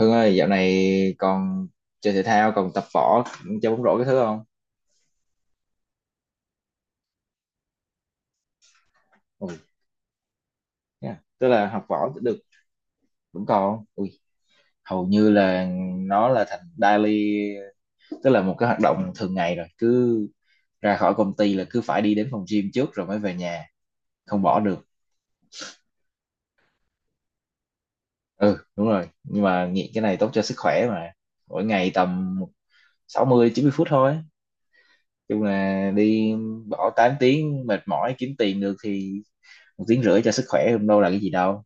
Hưng ơi, dạo này còn chơi thể thao, còn tập võ, chơi bóng rổ cái thứ không? Ừ, yeah. Tức là học võ được vẫn còn không? Ui, hầu như là nó là thành daily, tức là một cái hoạt động thường ngày rồi. Cứ ra khỏi công ty là cứ phải đi đến phòng gym trước rồi mới về nhà, không bỏ được. Ừ, đúng rồi. Nhưng mà nghiện cái này tốt cho sức khỏe mà. Mỗi ngày tầm 60-90 phút thôi. Chung là đi bỏ 8 tiếng mệt mỏi kiếm tiền được thì một tiếng rưỡi cho sức khỏe không đâu là cái gì đâu.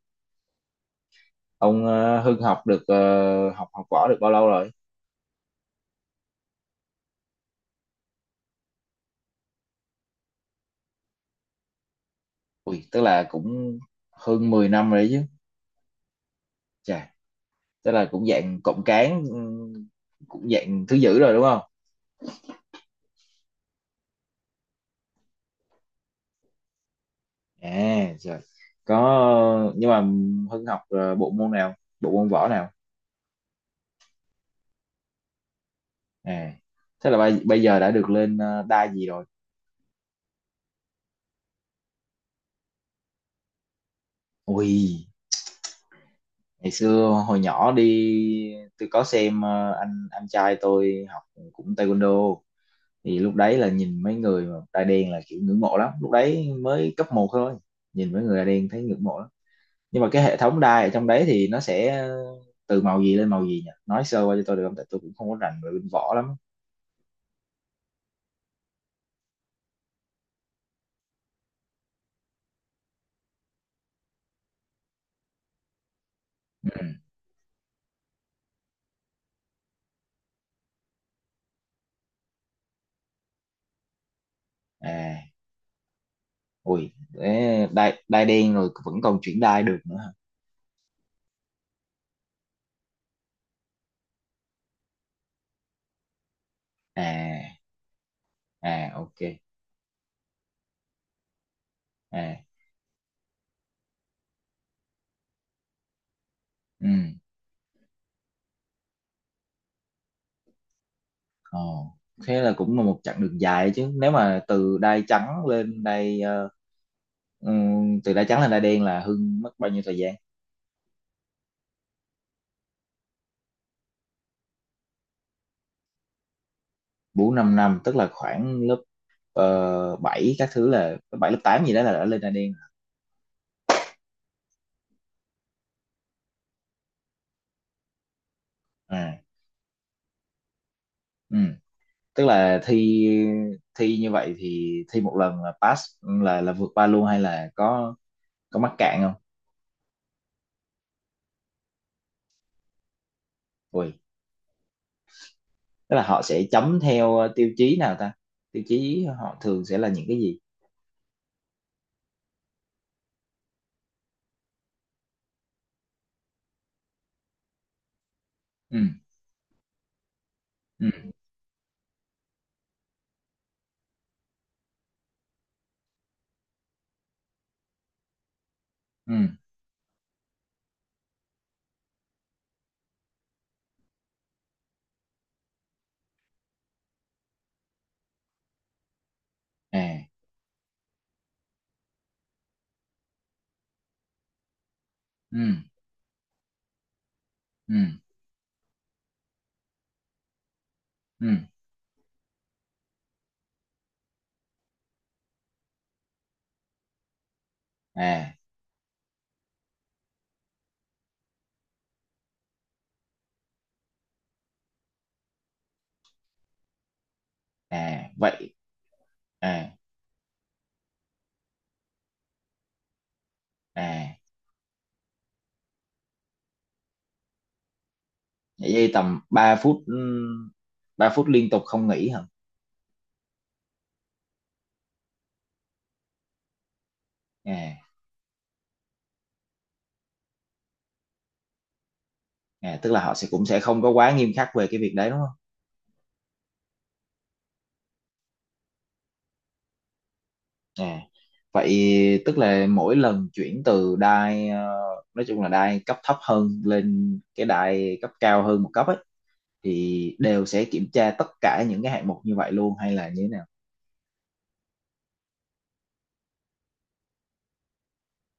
Ông Hưng học được học học võ được bao lâu rồi? Ui, tức là cũng hơn 10 năm rồi đấy chứ. Chà, tức là cũng dạng cộng cán cũng dạng thứ dữ rồi đúng không? À, rồi. Có nhưng mà Hưng học bộ môn nào? Bộ môn võ nào? À. Thế là bây giờ đã được lên đai gì rồi? Ui, ngày xưa hồi nhỏ đi tôi có xem anh trai tôi học cũng taekwondo, thì lúc đấy là nhìn mấy người mà da đen là kiểu ngưỡng mộ lắm, lúc đấy mới cấp một thôi, nhìn mấy người da đen thấy ngưỡng mộ lắm. Nhưng mà cái hệ thống đai ở trong đấy thì nó sẽ từ màu gì lên màu gì nhỉ, nói sơ qua cho tôi được không, tại tôi cũng không có rành về bên võ lắm. Ừ. À, ui đấy, đai đai đen rồi vẫn còn chuyển đai được nữa hả? À. À, ok. À. Ừ. Ồ, thế là cũng là một chặng đường dài đấy chứ, nếu mà ừ, từ đai trắng lên đai đen là Hưng mất bao nhiêu thời gian? Bốn năm năm, tức là khoảng lớp 7 các thứ, là lớp 7 lớp 8 gì đó là đã lên Đan Đen. À. Ừ. Tức là thi thi như vậy thì thi một lần là pass, là vượt qua luôn hay là có mắc cạn không? Ui, tức là họ sẽ chấm theo tiêu chí nào ta, tiêu chí họ thường sẽ là những cái gì? Ừ. Ừ. Ừ. À. Ừ. Ừ. Ừ. À. À, vậy. À. À, vậy tầm 3 phút, ừ, 3 phút liên tục không nghỉ hả? À. À, tức là họ sẽ cũng sẽ không có quá nghiêm khắc về cái việc đấy đúng không? À, vậy tức là mỗi lần chuyển từ đai nói chung là đai cấp thấp hơn lên cái đai cấp cao hơn một cấp ấy, thì đều sẽ kiểm tra tất cả những cái hạng mục như vậy luôn hay là như thế nào?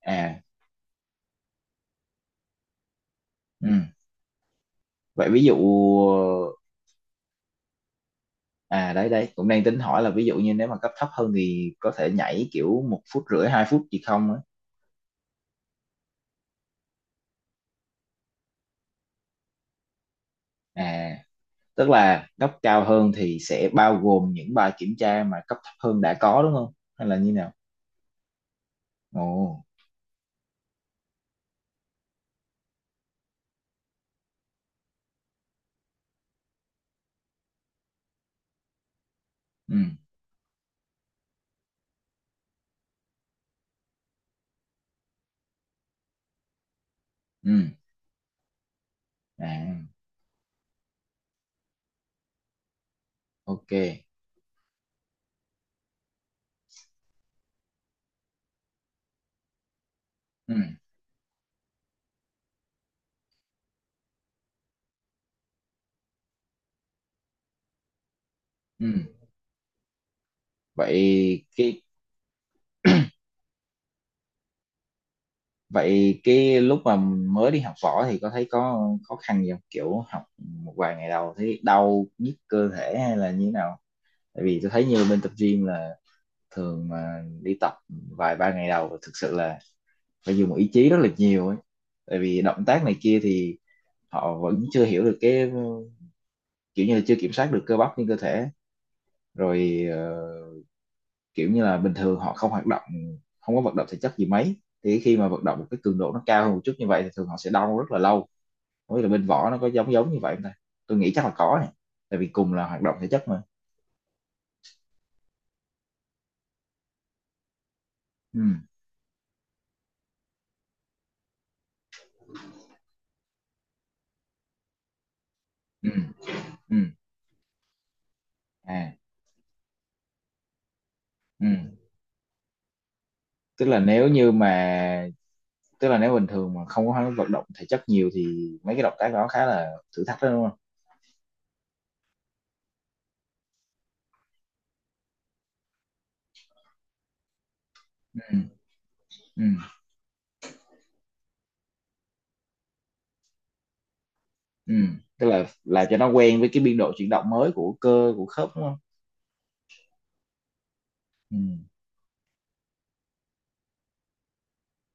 À. Ừ. Vậy ví dụ, à đấy đấy cũng đang tính hỏi là ví dụ như nếu mà cấp thấp hơn thì có thể nhảy kiểu một phút rưỡi hai phút gì không ấy. À, tức là cấp cao hơn thì sẽ bao gồm những bài kiểm tra mà cấp thấp hơn đã có đúng không hay là như nào? Ồ. Ừ. Ừ. À, ok. Ừ. Ừ. vậy cái vậy cái lúc mà mới đi học võ thì có thấy có khó khăn gì không, kiểu học một vài ngày đầu thấy đau nhức cơ thể hay là như nào? Tại vì tôi thấy như bên tập gym là thường mà đi tập vài ba ngày đầu thực sự là phải dùng ý chí rất là nhiều ấy, tại vì động tác này kia thì họ vẫn chưa hiểu được cái kiểu như là chưa kiểm soát được cơ bắp trên cơ thể, rồi kiểu như là bình thường họ không hoạt động, không có vận động thể chất gì mấy, thì khi mà vận động một cái cường độ nó cao hơn một chút như vậy thì thường họ sẽ đau rất là lâu. Không biết là bên võ nó có giống giống như vậy không ta, tôi nghĩ chắc là có này, tại vì cùng là hoạt động thể chất mà. Ừ. Ừ. Ừ. À. Ừ. tức là nếu như mà Tức là nếu bình thường mà không có vận động thể chất nhiều thì mấy cái động tác đó khá là thử thách đó đúng không? Ừ. Ừ. Ừ. Tức là cho nó quen với cái biên độ chuyển động mới của cơ của khớp đúng không? Ừ.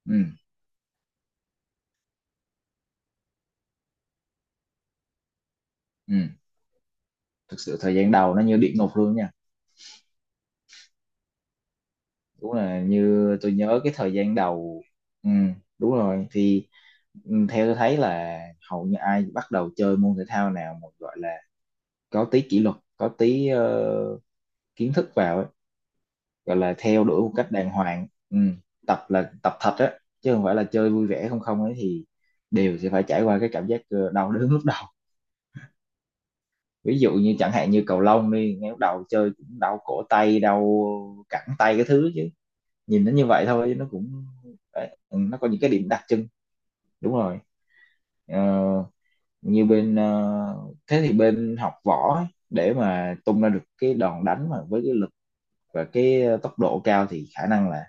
Ừ. Ừ. Thực sự thời gian đầu nó như địa ngục luôn nha, đúng là như tôi nhớ cái thời gian đầu. Ừ. Đúng rồi thì theo tôi thấy là hầu như ai bắt đầu chơi môn thể thao nào mà gọi là có tí kỷ luật, có tí kiến thức vào ấy, gọi là theo đuổi một cách đàng hoàng. Ừ. Tập là tập thật á chứ không phải là chơi vui vẻ không không ấy, thì đều sẽ phải trải qua cái cảm giác đau đớn lúc đầu. Ví dụ như chẳng hạn như cầu lông đi, ngay lúc đầu chơi cũng đau cổ tay đau cẳng tay cái thứ chứ, nhìn nó như vậy thôi chứ nó cũng đấy. Ừ, nó có những cái điểm đặc trưng. Đúng rồi. Ờ, như bên ờ, Thế thì bên học võ ấy, để mà tung ra được cái đòn đánh mà với cái lực và cái tốc độ cao thì khả năng là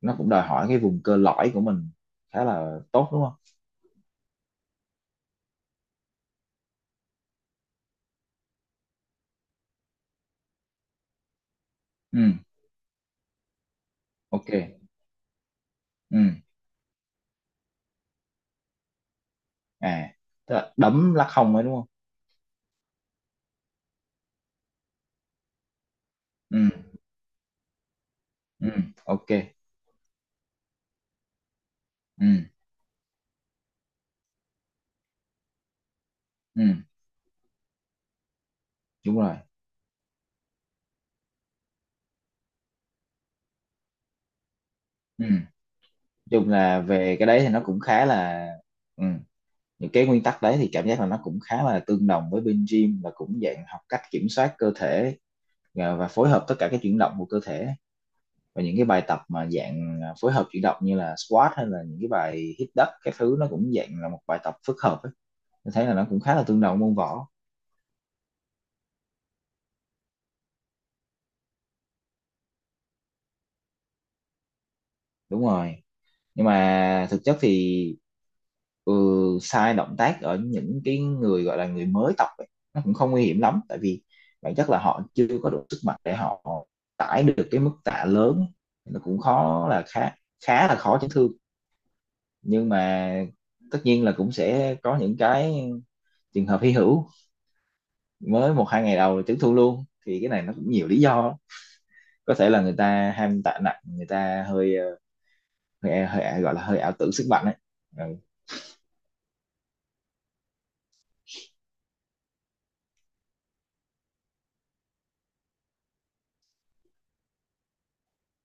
nó cũng đòi hỏi cái vùng cơ lõi của mình khá là tốt đúng không? Ừ. Ok. Ừ. À, tức là đấm lắc không ấy đúng không? Ừ. Ừ. Ok. Ừ. Ừ. Đúng rồi. Ừ. Nói chung là về cái đấy thì nó cũng khá là. Ừ. Những cái nguyên tắc đấy thì cảm giác là nó cũng khá là tương đồng với bên gym, và cũng dạng học cách kiểm soát cơ thể và phối hợp tất cả các chuyển động của cơ thể, và những cái bài tập mà dạng phối hợp chuyển động như là squat hay là những cái bài hít đất các thứ, nó cũng dạng là một bài tập phức hợp ấy. Tôi thấy là nó cũng khá là tương đồng môn võ. Đúng rồi, nhưng mà thực chất thì ừ, sai động tác ở những cái người gọi là người mới tập ấy, nó cũng không nguy hiểm lắm, tại vì bản chất là họ chưa có đủ sức mạnh để họ tải được cái mức tạ lớn ấy. Nó cũng khó là khá khá là khó chấn thương, nhưng mà tất nhiên là cũng sẽ có những cái trường hợp hy hữu, mới một hai ngày đầu chấn thương luôn, thì cái này nó cũng nhiều lý do, có thể là người ta ham tạ nặng, người ta hơi gọi là hơi ảo tưởng sức mạnh ấy. Ừ.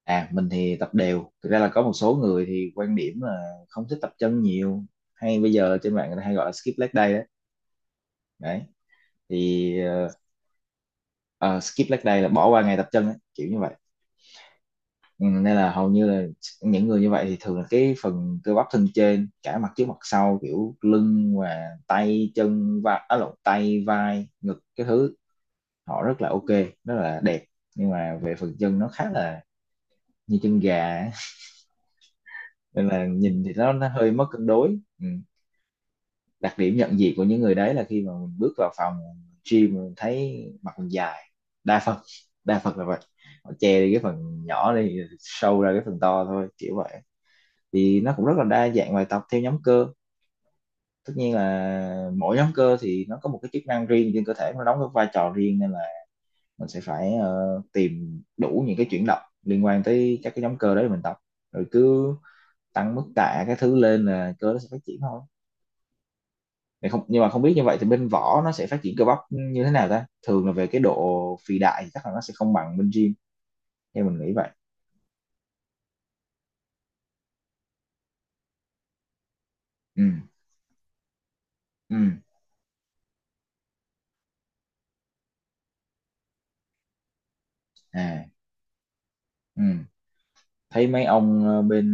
À, mình thì tập đều. Thực ra là có một số người thì quan điểm là không thích tập chân nhiều, hay bây giờ trên mạng người ta hay gọi là skip leg day đấy. Đấy. Thì ờ, skip leg day là bỏ qua ngày tập chân ấy, kiểu như vậy. Ừ, nên là hầu như là những người như vậy thì thường là cái phần cơ bắp thân trên, cả mặt trước mặt sau kiểu lưng và tay chân và lộn, tay vai ngực cái thứ, họ rất là ok, rất là đẹp. Nhưng mà về phần chân nó khá là như chân gà ấy. Nên là nhìn thì nó hơi mất cân đối. Ừ, đặc điểm nhận diện của những người đấy là khi mà mình bước vào phòng gym mình thấy mặt mình dài đa phần đa phần là vậy, họ che đi cái phần nhỏ đi show ra cái phần to thôi kiểu vậy. Thì nó cũng rất là đa dạng bài tập theo nhóm cơ, tất nhiên là mỗi nhóm cơ thì nó có một cái chức năng riêng trên cơ thể, nó đóng cái vai trò riêng, nên là mình sẽ phải tìm đủ những cái chuyển động liên quan tới các cái nhóm cơ đấy mình tập, rồi cứ tăng mức tạ cái thứ lên là cơ nó sẽ phát triển thôi. Thì không, nhưng mà không biết như vậy thì bên võ nó sẽ phát triển cơ bắp như thế nào ta, thường là về cái độ phì đại thì chắc là nó sẽ không bằng bên gym theo mình nghĩ vậy. Ừ. Ừ. À. Ừ. Thấy mấy ông bên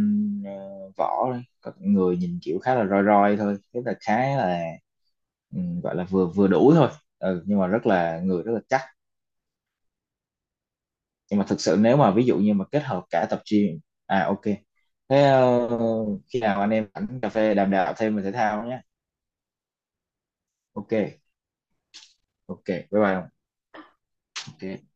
ờ, võ đấy, có người nhìn kiểu khá là roi roi thôi, tức là khá là gọi là vừa vừa đủ thôi. Ừ, nhưng mà rất là người rất là chắc, nhưng mà thực sự nếu mà ví dụ như mà kết hợp cả tập gym. À, ok. Thế khi nào anh em ảnh cà phê đàm đạo thêm về thể thao nhé. Ok. Ok, bye bye ông. Ok.